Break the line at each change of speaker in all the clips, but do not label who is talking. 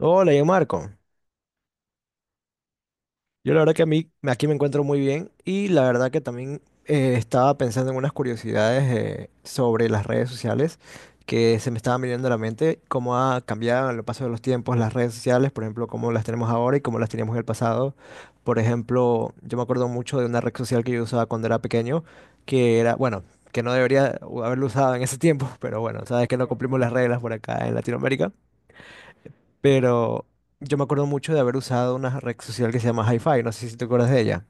Hola, yo Marco. Yo la verdad que a mí aquí me encuentro muy bien y la verdad que también estaba pensando en unas curiosidades sobre las redes sociales que se me estaban viniendo a la mente, cómo ha cambiado en el paso de los tiempos las redes sociales, por ejemplo, cómo las tenemos ahora y cómo las teníamos en el pasado. Por ejemplo, yo me acuerdo mucho de una red social que yo usaba cuando era pequeño, que era, bueno, que no debería haberlo usado en ese tiempo, pero bueno, sabes que no cumplimos las reglas por acá en Latinoamérica. Pero yo me acuerdo mucho de haber usado una red social que se llama HiFi, no sé si te acuerdas de ella.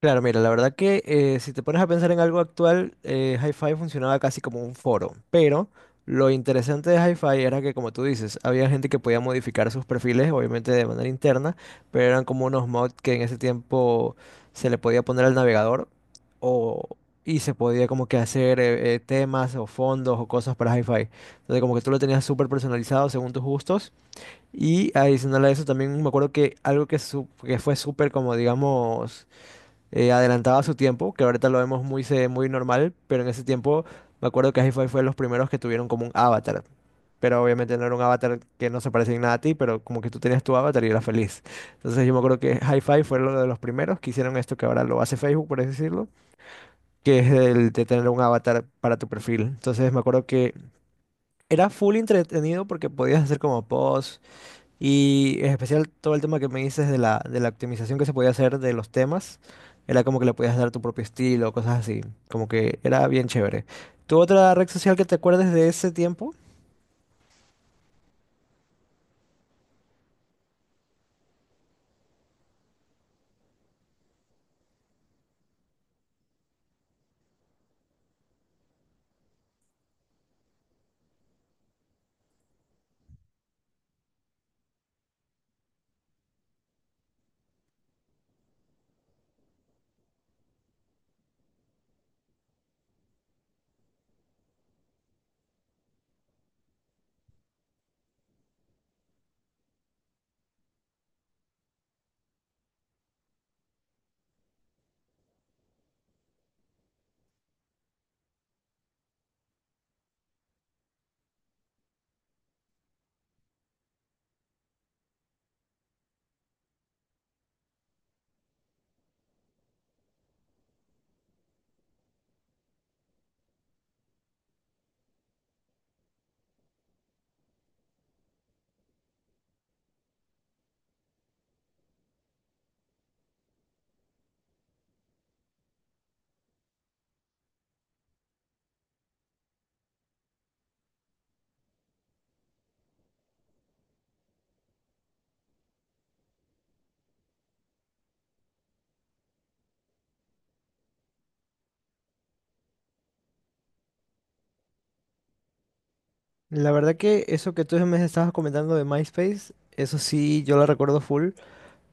Claro, mira, la verdad que si te pones a pensar en algo actual, HiFi funcionaba casi como un foro, pero lo interesante de HiFi era que, como tú dices, había gente que podía modificar sus perfiles, obviamente de manera interna, pero eran como unos mods que en ese tiempo se le podía poner al navegador o, y se podía como que hacer temas o fondos o cosas para HiFi. Entonces como que tú lo tenías súper personalizado según tus gustos. Y adicional a eso también me acuerdo que algo que, que fue súper como digamos adelantado a su tiempo, que ahorita lo vemos muy, muy normal, pero en ese tiempo me acuerdo que hi fue de los primeros que tuvieron como un avatar, pero obviamente no era un avatar que no se parecía en nada a ti, pero como que tú tenías tu avatar y eras feliz. Entonces yo me acuerdo que hi fue uno de los primeros que hicieron esto que ahora lo hace Facebook, por así decirlo, que es el de tener un avatar para tu perfil. Entonces me acuerdo que era full entretenido porque podías hacer como posts. Y en especial todo el tema que me dices de de la optimización que se podía hacer de los temas, era como que le podías dar tu propio estilo, cosas así, como que era bien chévere. ¿Tu otra red social que te acuerdes de ese tiempo? La verdad que eso que tú me estabas comentando de MySpace, eso sí, yo lo recuerdo full,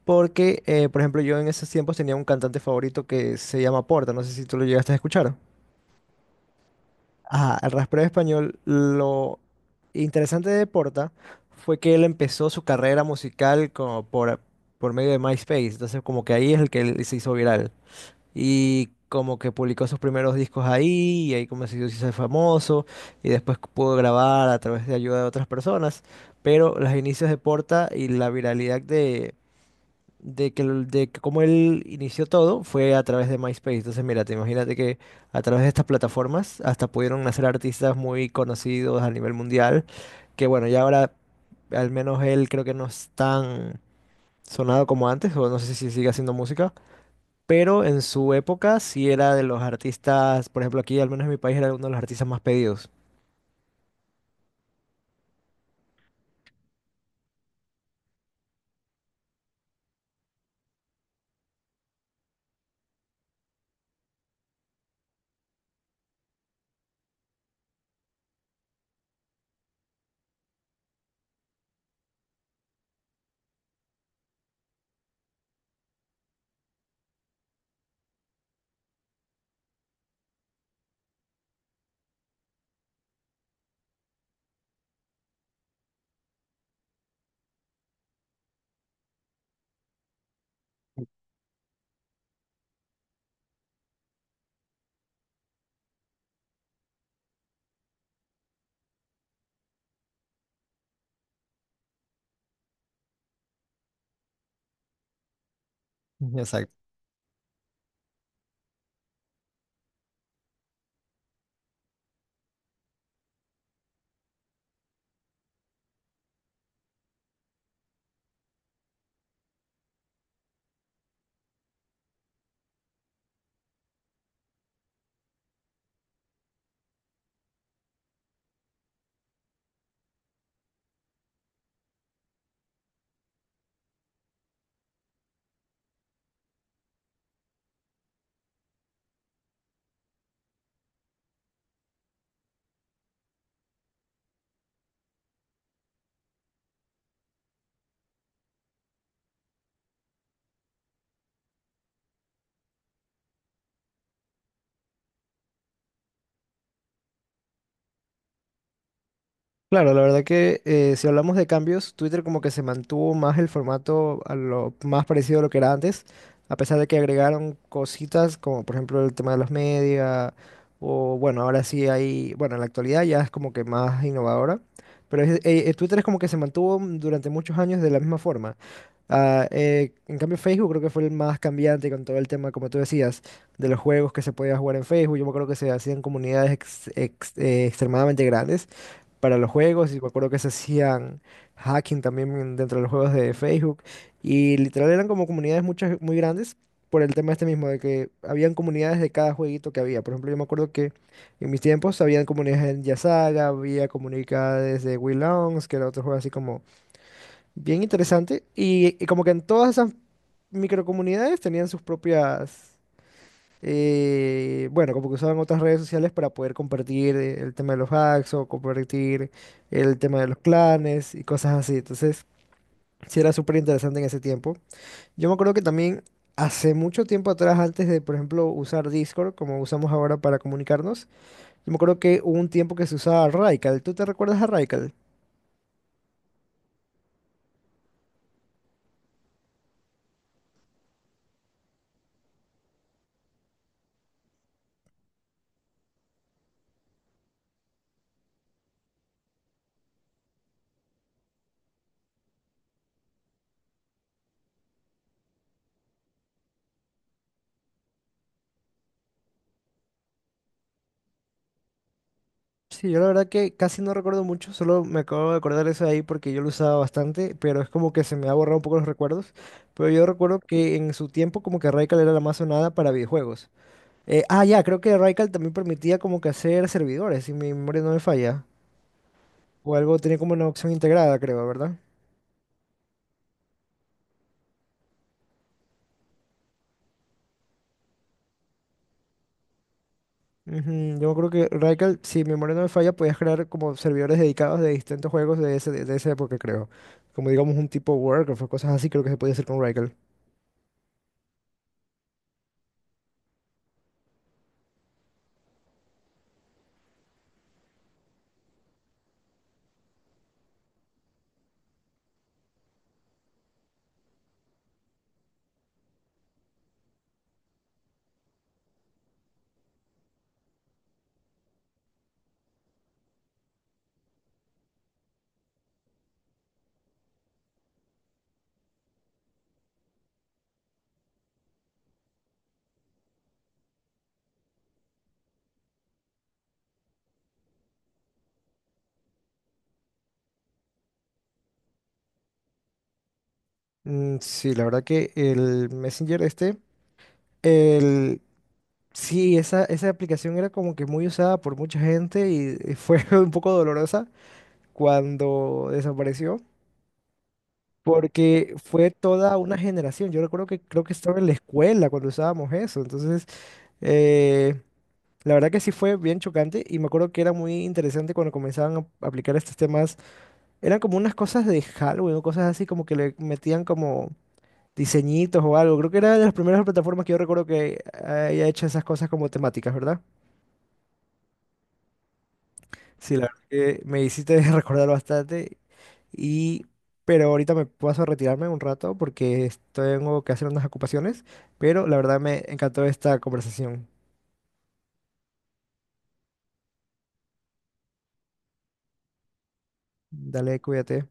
porque, por ejemplo, yo en esos tiempos tenía un cantante favorito que se llama Porta, no sé si tú lo llegaste a escuchar. Ajá, el rastreo español, lo interesante de Porta fue que él empezó su carrera musical como por medio de MySpace, entonces como que ahí es el que él se hizo viral y como que publicó sus primeros discos ahí y ahí como se hizo famoso y después pudo grabar a través de ayuda de otras personas, pero los inicios de Porta y la viralidad de que, de que cómo él inició todo fue a través de MySpace. Entonces, mira, te imagínate que a través de estas plataformas hasta pudieron nacer artistas muy conocidos a nivel mundial, que bueno, ya ahora al menos él creo que no es tan sonado como antes, o no sé si sigue haciendo música, pero en su época sí era de los artistas, por ejemplo, aquí al menos en mi país era uno de los artistas más pedidos. Exacto. Claro, la verdad que si hablamos de cambios, Twitter como que se mantuvo más el formato a lo más parecido a lo que era antes, a pesar de que agregaron cositas como por ejemplo el tema de los media, o bueno, ahora sí hay, bueno, en la actualidad ya es como que más innovadora, pero Twitter es como que se mantuvo durante muchos años de la misma forma. En cambio, Facebook creo que fue el más cambiante con todo el tema, como tú decías, de los juegos que se podía jugar en Facebook. Yo me acuerdo que se hacían comunidades extremadamente grandes para los juegos y me acuerdo que se hacían hacking también dentro de los juegos de Facebook y literal eran como comunidades muchas muy grandes por el tema este mismo de que habían comunidades de cada jueguito que había. Por ejemplo, yo me acuerdo que en mis tiempos habían comunidades de Yasaga, había comunidades de Wii Longs, que era otro juego así como bien interesante y como que en todas esas microcomunidades tenían sus propias bueno, como que usaban otras redes sociales para poder compartir el tema de los hacks o compartir el tema de los clanes y cosas así. Entonces, sí era súper interesante en ese tiempo. Yo me acuerdo que también hace mucho tiempo atrás, antes de, por ejemplo, usar Discord, como usamos ahora para comunicarnos, yo me acuerdo que hubo un tiempo que se usaba Raical. ¿Tú te recuerdas a Raical? Sí, yo la verdad que casi no recuerdo mucho, solo me acabo de acordar eso de ahí porque yo lo usaba bastante, pero es como que se me ha borrado un poco los recuerdos. Pero yo recuerdo que en su tiempo como que Radical era la más sonada para videojuegos. Ya, creo que Radical también permitía como que hacer servidores, si mi memoria no me falla. O algo tenía como una opción integrada, creo, ¿verdad? Ujú. Yo creo que Radical, si mi memoria no me falla, podías crear como servidores dedicados de distintos juegos de, ese, de esa época, creo. Como digamos un tipo Warcraft o cosas así, creo que se podía hacer con Radical. Mm, sí, la verdad que el Messenger este, el, sí, esa aplicación era como que muy usada por mucha gente y, fue un poco dolorosa cuando desapareció, porque fue toda una generación. Yo recuerdo que creo que estaba en la escuela cuando usábamos eso, entonces eh, la verdad que sí fue bien chocante y me acuerdo que era muy interesante cuando comenzaban a aplicar estos temas. Eran como unas cosas de Halloween o cosas así como que le metían como diseñitos o algo. Creo que era de las primeras plataformas que yo recuerdo que haya hecho esas cosas como temáticas, ¿verdad? Sí, la verdad que me hiciste recordar bastante y... Pero ahorita me paso a retirarme un rato porque tengo que hacer unas ocupaciones, pero la verdad me encantó esta conversación. Dale, cuídate.